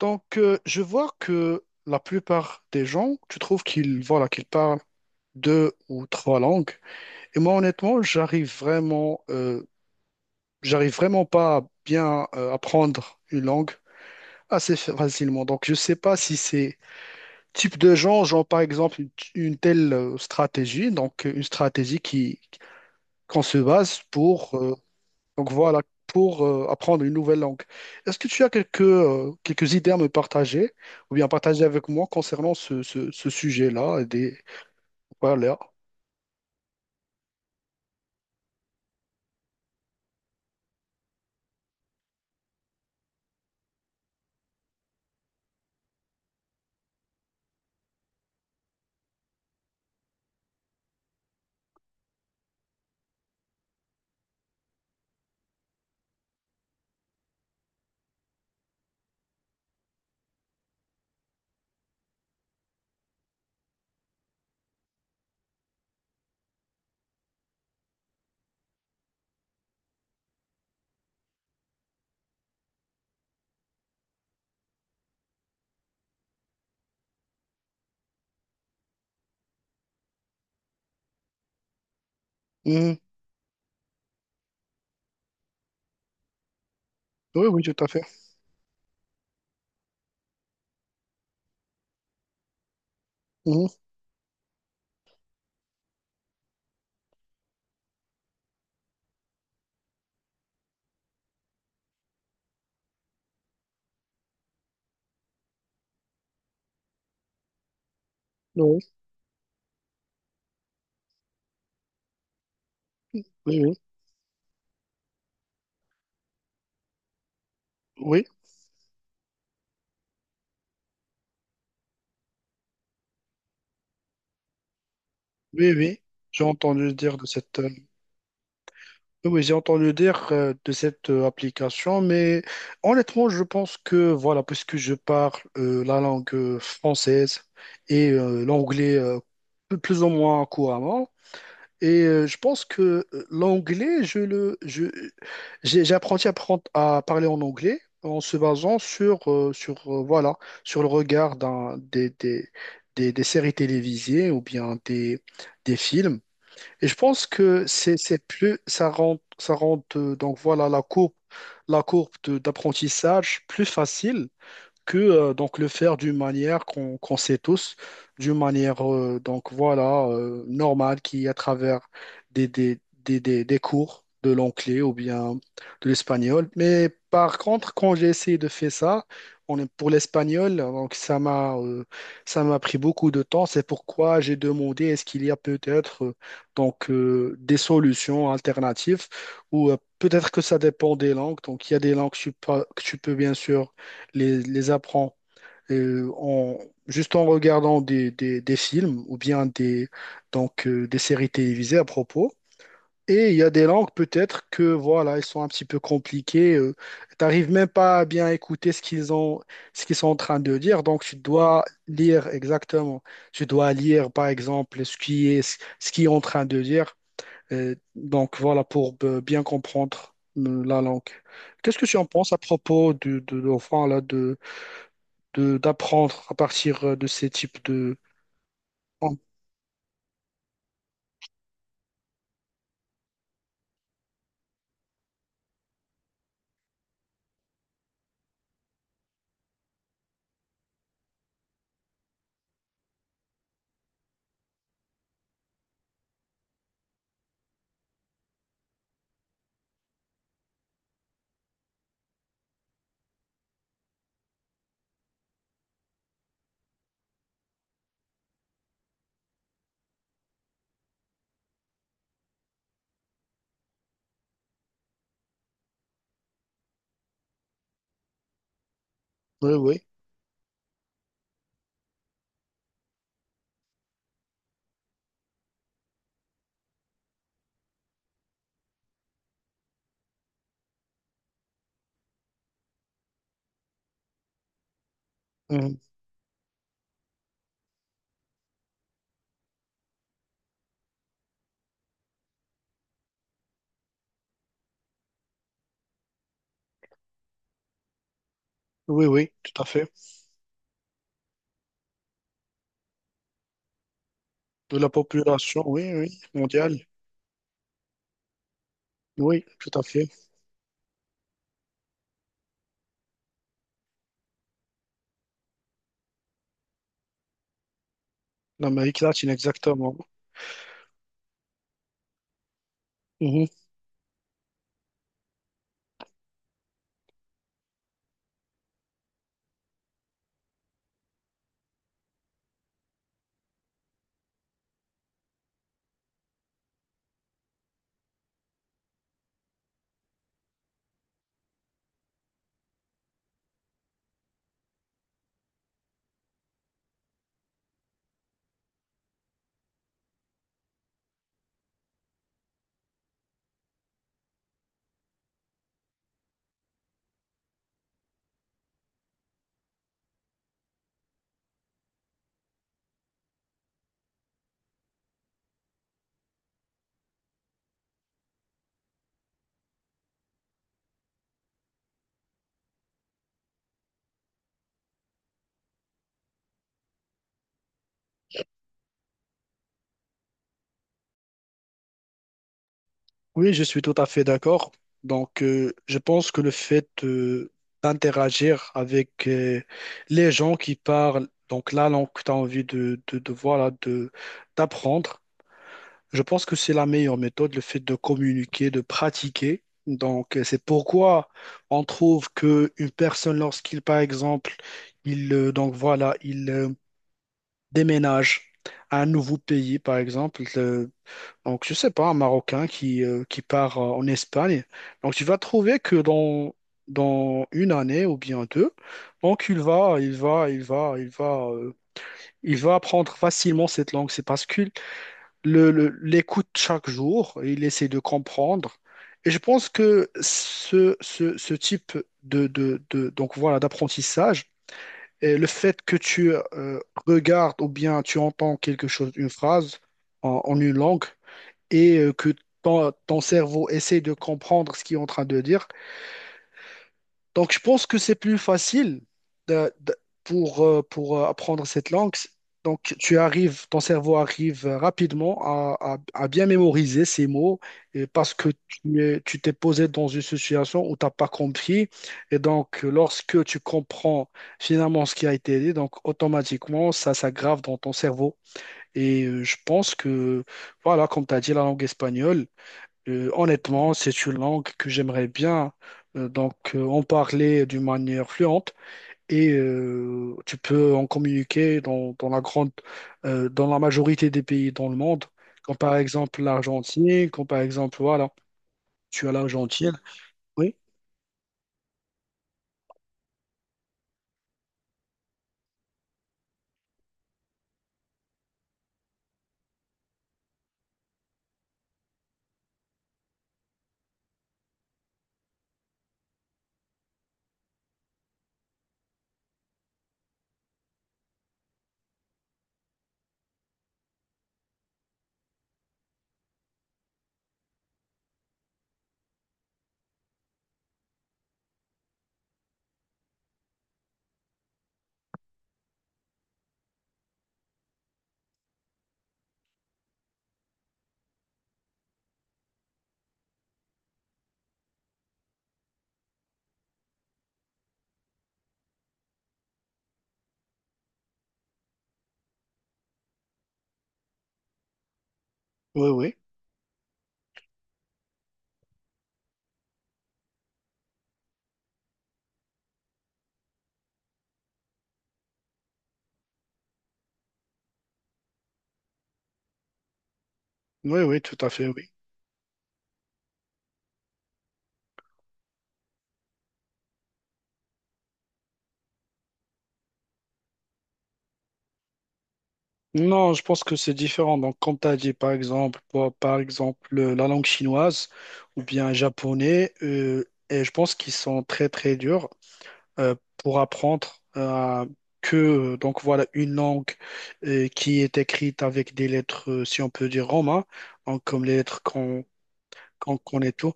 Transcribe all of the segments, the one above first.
Donc, je vois que la plupart des gens, tu trouves qu'ils voilà, qu'ils parlent deux ou trois langues. Et moi, honnêtement, j'arrive vraiment pas à bien apprendre une langue assez facilement. Donc, je sais pas si c'est type de gens, genre par exemple une telle stratégie, donc une stratégie qui qu'on se base pour donc voilà, pour apprendre une nouvelle langue. Est-ce que tu as quelques idées à me partager ou bien partager avec moi concernant ce sujet-là et des. Voilà. Mhm. Oui, oui, tout à fait. Mhm. Oui, oui, oui. Oui, oui, oui. J'ai entendu dire de cette. Oui, oui, j'ai entendu dire de cette application, mais honnêtement, je pense que, voilà, puisque je parle la langue française et l'anglais plus ou moins couramment. Et je pense que l'anglais, j'ai appris à parler en anglais en se basant sur, voilà, sur le regard d'un, des séries télévisées ou bien des films. Et je pense que c'est plus, ça rend, donc voilà, la courbe d'apprentissage plus facile que donc le faire d'une manière qu'on sait tous, d'une manière donc voilà normale qui est à travers des cours de l'anglais ou bien de l'espagnol. Mais par contre, quand j'ai essayé de faire ça, on est pour l'espagnol, donc ça m'a pris beaucoup de temps. C'est pourquoi j'ai demandé est-ce qu'il y a peut-être donc des solutions alternatives ou peut-être que ça dépend des langues. Donc il y a des langues que tu peux bien sûr les apprend euh, en, juste en regardant des films ou bien des séries télévisées à propos. Et il y a des langues peut-être que voilà, elles sont un petit peu compliquées. T'arrives même pas à bien écouter ce qu'ils sont en train de dire. Donc tu dois lire exactement. Tu dois lire par exemple ce qui est en train de dire. Donc voilà pour bien comprendre la langue. Qu'est-ce que tu en penses à propos enfin, là, de d'apprendre à partir de ces types de. Oh. Oui, oui, euh, oui, oui, tout à fait. De la population, oui, oui, mondiale, oui, tout à fait. L'Amérique latine, exactement. Mhm. Oui, je suis tout à fait d'accord. Donc, je pense que le fait d'interagir avec les gens qui parlent, donc la langue que tu as envie voilà, d'apprendre. Je pense que c'est la meilleure méthode, le fait de communiquer, de pratiquer. Donc, c'est pourquoi on trouve que une personne, lorsqu'il, par exemple, il, donc voilà, il déménage à un nouveau pays, par exemple, donc je sais pas, un Marocain qui part en Espagne. Donc, tu vas trouver que dans une année ou bien deux, donc il va, il va, il va, il va, il va apprendre facilement cette langue. C'est parce que l'écoute chaque jour, il essaie de comprendre. Et je pense que ce type donc voilà, d'apprentissage, et le fait que tu regardes ou bien tu entends quelque chose, une phrase en une langue, et que ton cerveau essaie de comprendre ce qu'il est en train de dire, donc, je pense que c'est plus facile de- de- pour apprendre cette langue. Donc, ton cerveau arrive rapidement à bien mémoriser ces mots et parce que tu t'es posé dans une situation où tu n'as pas compris. Et donc, lorsque tu comprends finalement ce qui a été dit, donc automatiquement, ça s'aggrave dans ton cerveau. Et je pense que, voilà, comme tu as dit, la langue espagnole. Honnêtement, c'est une langue que j'aimerais bien donc en parler d'une manière fluente et tu peux en communiquer dans la majorité des pays dans le monde, comme par exemple l'Argentine, comme par exemple voilà, tu as l'Argentine. Oui. Oui, oui, oui, oui, tout à fait, oui. Non, je pense que c'est différent. Donc, comme tu as dit, par exemple, par exemple, la langue chinoise ou bien japonais, et je pense qu'ils sont très, très durs pour apprendre euh, que, donc voilà, une langue qui est écrite avec des lettres, si on peut dire romain, donc comme les lettres qu'on connaît tout.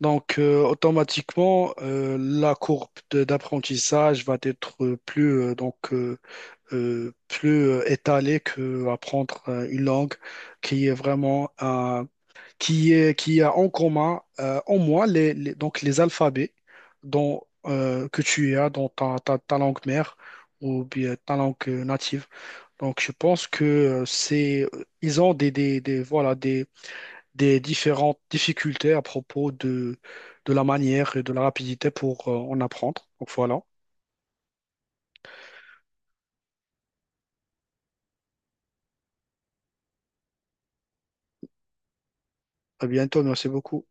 Donc, automatiquement, la courbe d'apprentissage va être plus, donc, plus étalé que apprendre une langue qui est vraiment qui est qui a en commun au moins les alphabets dont que tu as dans ta langue mère ou bien ta langue native. Donc je pense que c'est ils ont des voilà, des différentes difficultés à propos de la manière et de la rapidité pour en apprendre. Donc voilà. À bientôt, merci beaucoup.